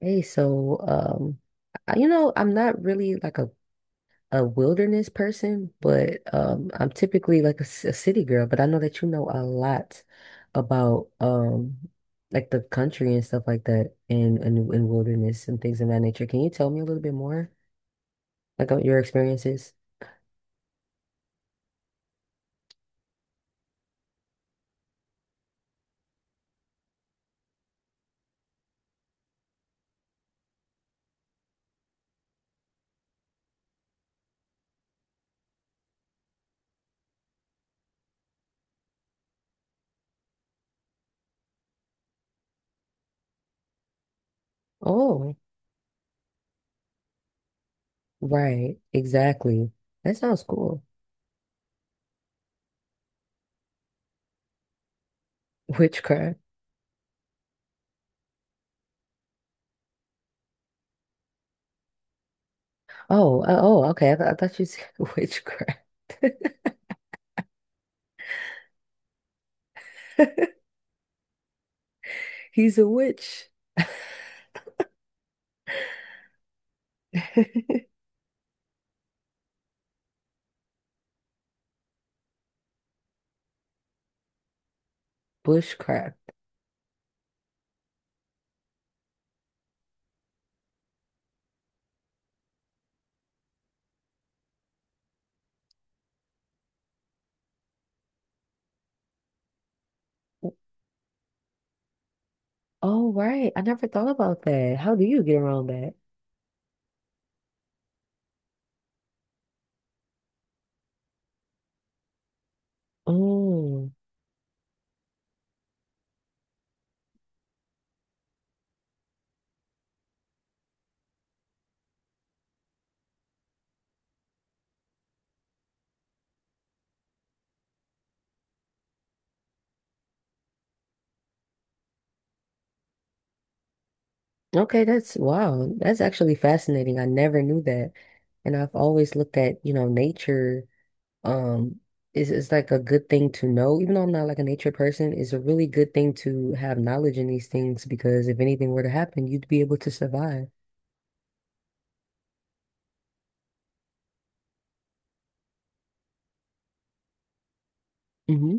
Hey, I'm not really a wilderness person, but I'm typically like a city girl. But I know that you know a lot about like the country and stuff like that, and and wilderness and things of that nature. Can you tell me a little bit more, like on your experiences? Oh, right, exactly. That sounds cool. Witchcraft. Oh, oh, okay. I thought you said witchcraft. He's a witch. Bushcraft. Oh, right. I never thought about that. How do you get around that? Oh. Okay, that's wow. That's actually fascinating. I never knew that. And I've always looked at, you know, nature, um, is like a good thing to know. Even though I'm not like a nature person, it's a really good thing to have knowledge in these things because if anything were to happen, you'd be able to survive. Mm-hmm.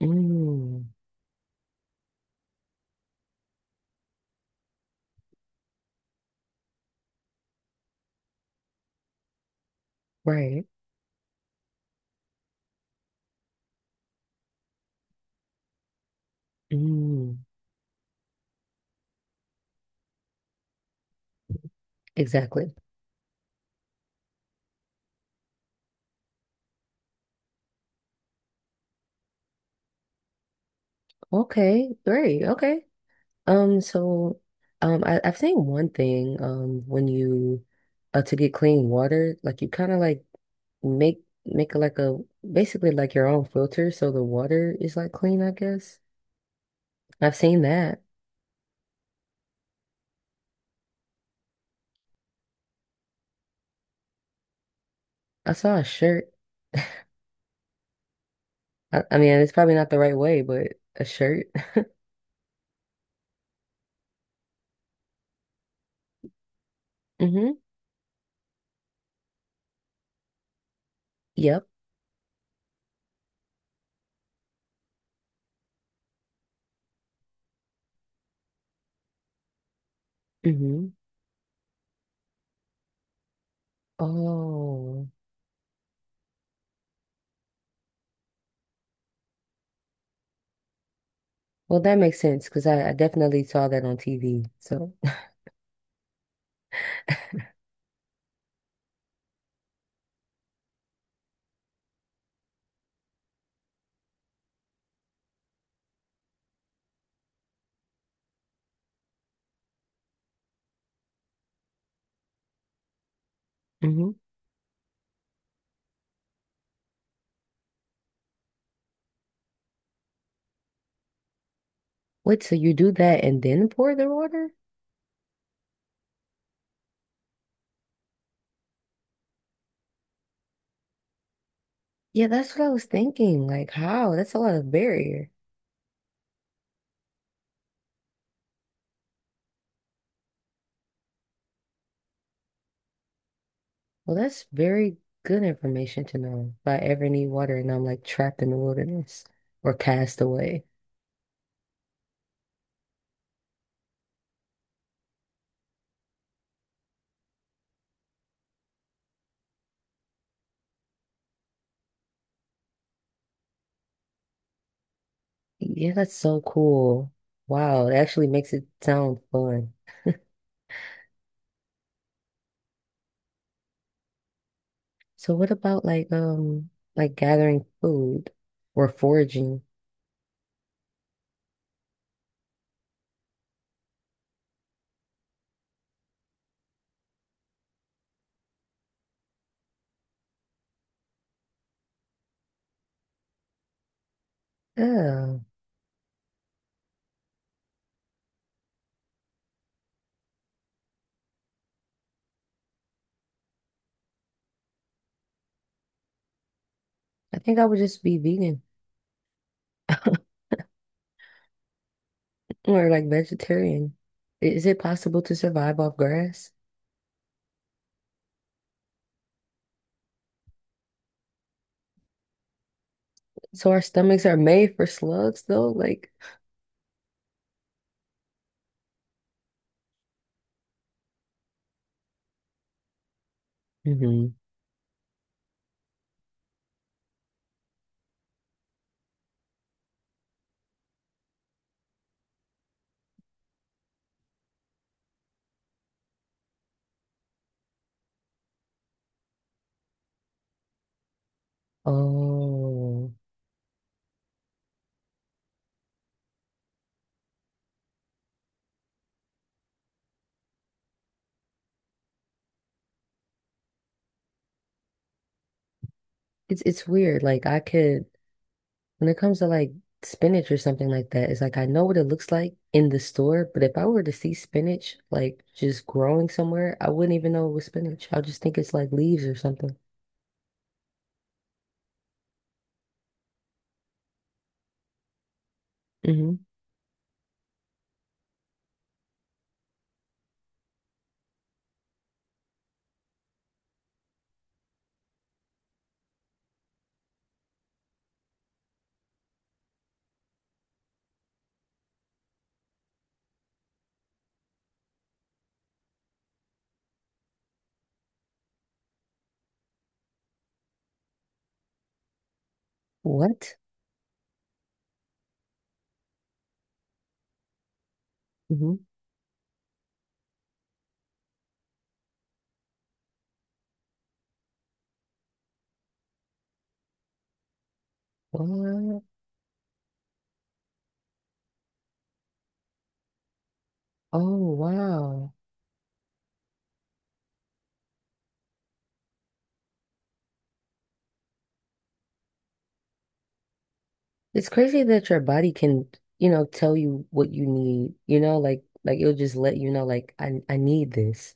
Mm. Right. Mm. Exactly. Okay, great. Okay. Um, so I've seen one thing, when you to get clean water, like you kinda like make like a basically like your own filter so the water is like clean, I guess. I've seen that. I saw a shirt. I mean it's probably not the right way, but a shirt. Mm-hmm. Yep. Mm-hmm. Oh. Well that makes sense because I definitely saw that on TV. So hmm. Wait, so you do that and then pour the water? Yeah, that's what I was thinking. Like, how? That's a lot of barrier. Well, that's very good information to know if I ever need water and I'm like trapped in the wilderness or cast away. Yeah, that's so cool. Wow, it actually makes it sound fun. So what about like gathering food or foraging? Yeah, I think I would just be vegan or like vegetarian. I- Is it possible to survive off grass? So our stomachs are made for slugs though, like. Oh, it's weird. Like I could, when it comes to like spinach or something like that, it's like I know what it looks like in the store, but if I were to see spinach like just growing somewhere, I wouldn't even know it was spinach. I'll just think it's like leaves or something. Hmm. What? Hmm. What? Oh, wow. It's crazy that your body can, you know, tell you what you need, you know, like it'll just let you know like I need this.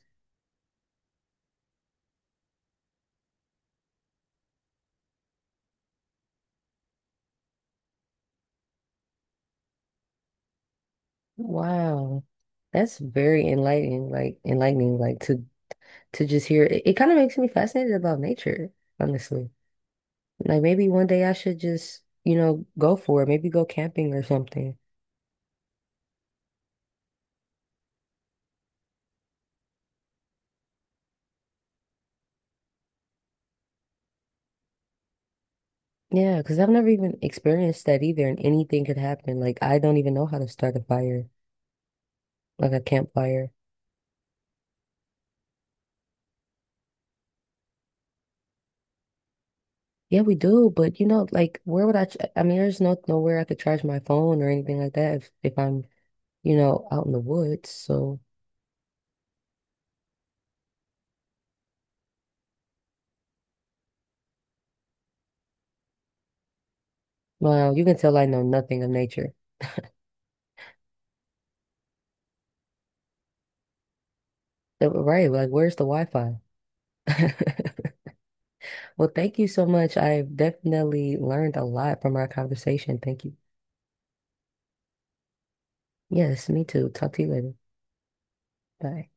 Wow. That's very enlightening, like to just hear it, it kind of makes me fascinated about nature, honestly. Like maybe one day I should just, you know, go for it, maybe go camping or something. Yeah, because I've never even experienced that either, and anything could happen. Like I don't even know how to start a fire, like a campfire. Yeah, we do, but you know, like where would I mean, there's no nowhere I could charge my phone or anything like that if I'm, you know, out in the woods. So, wow, you can tell I know nothing of nature. Right, like where's the Wi-Fi? Well, thank you so much. I've definitely learned a lot from our conversation. Thank you. Yes, me too. Talk to you later. Bye.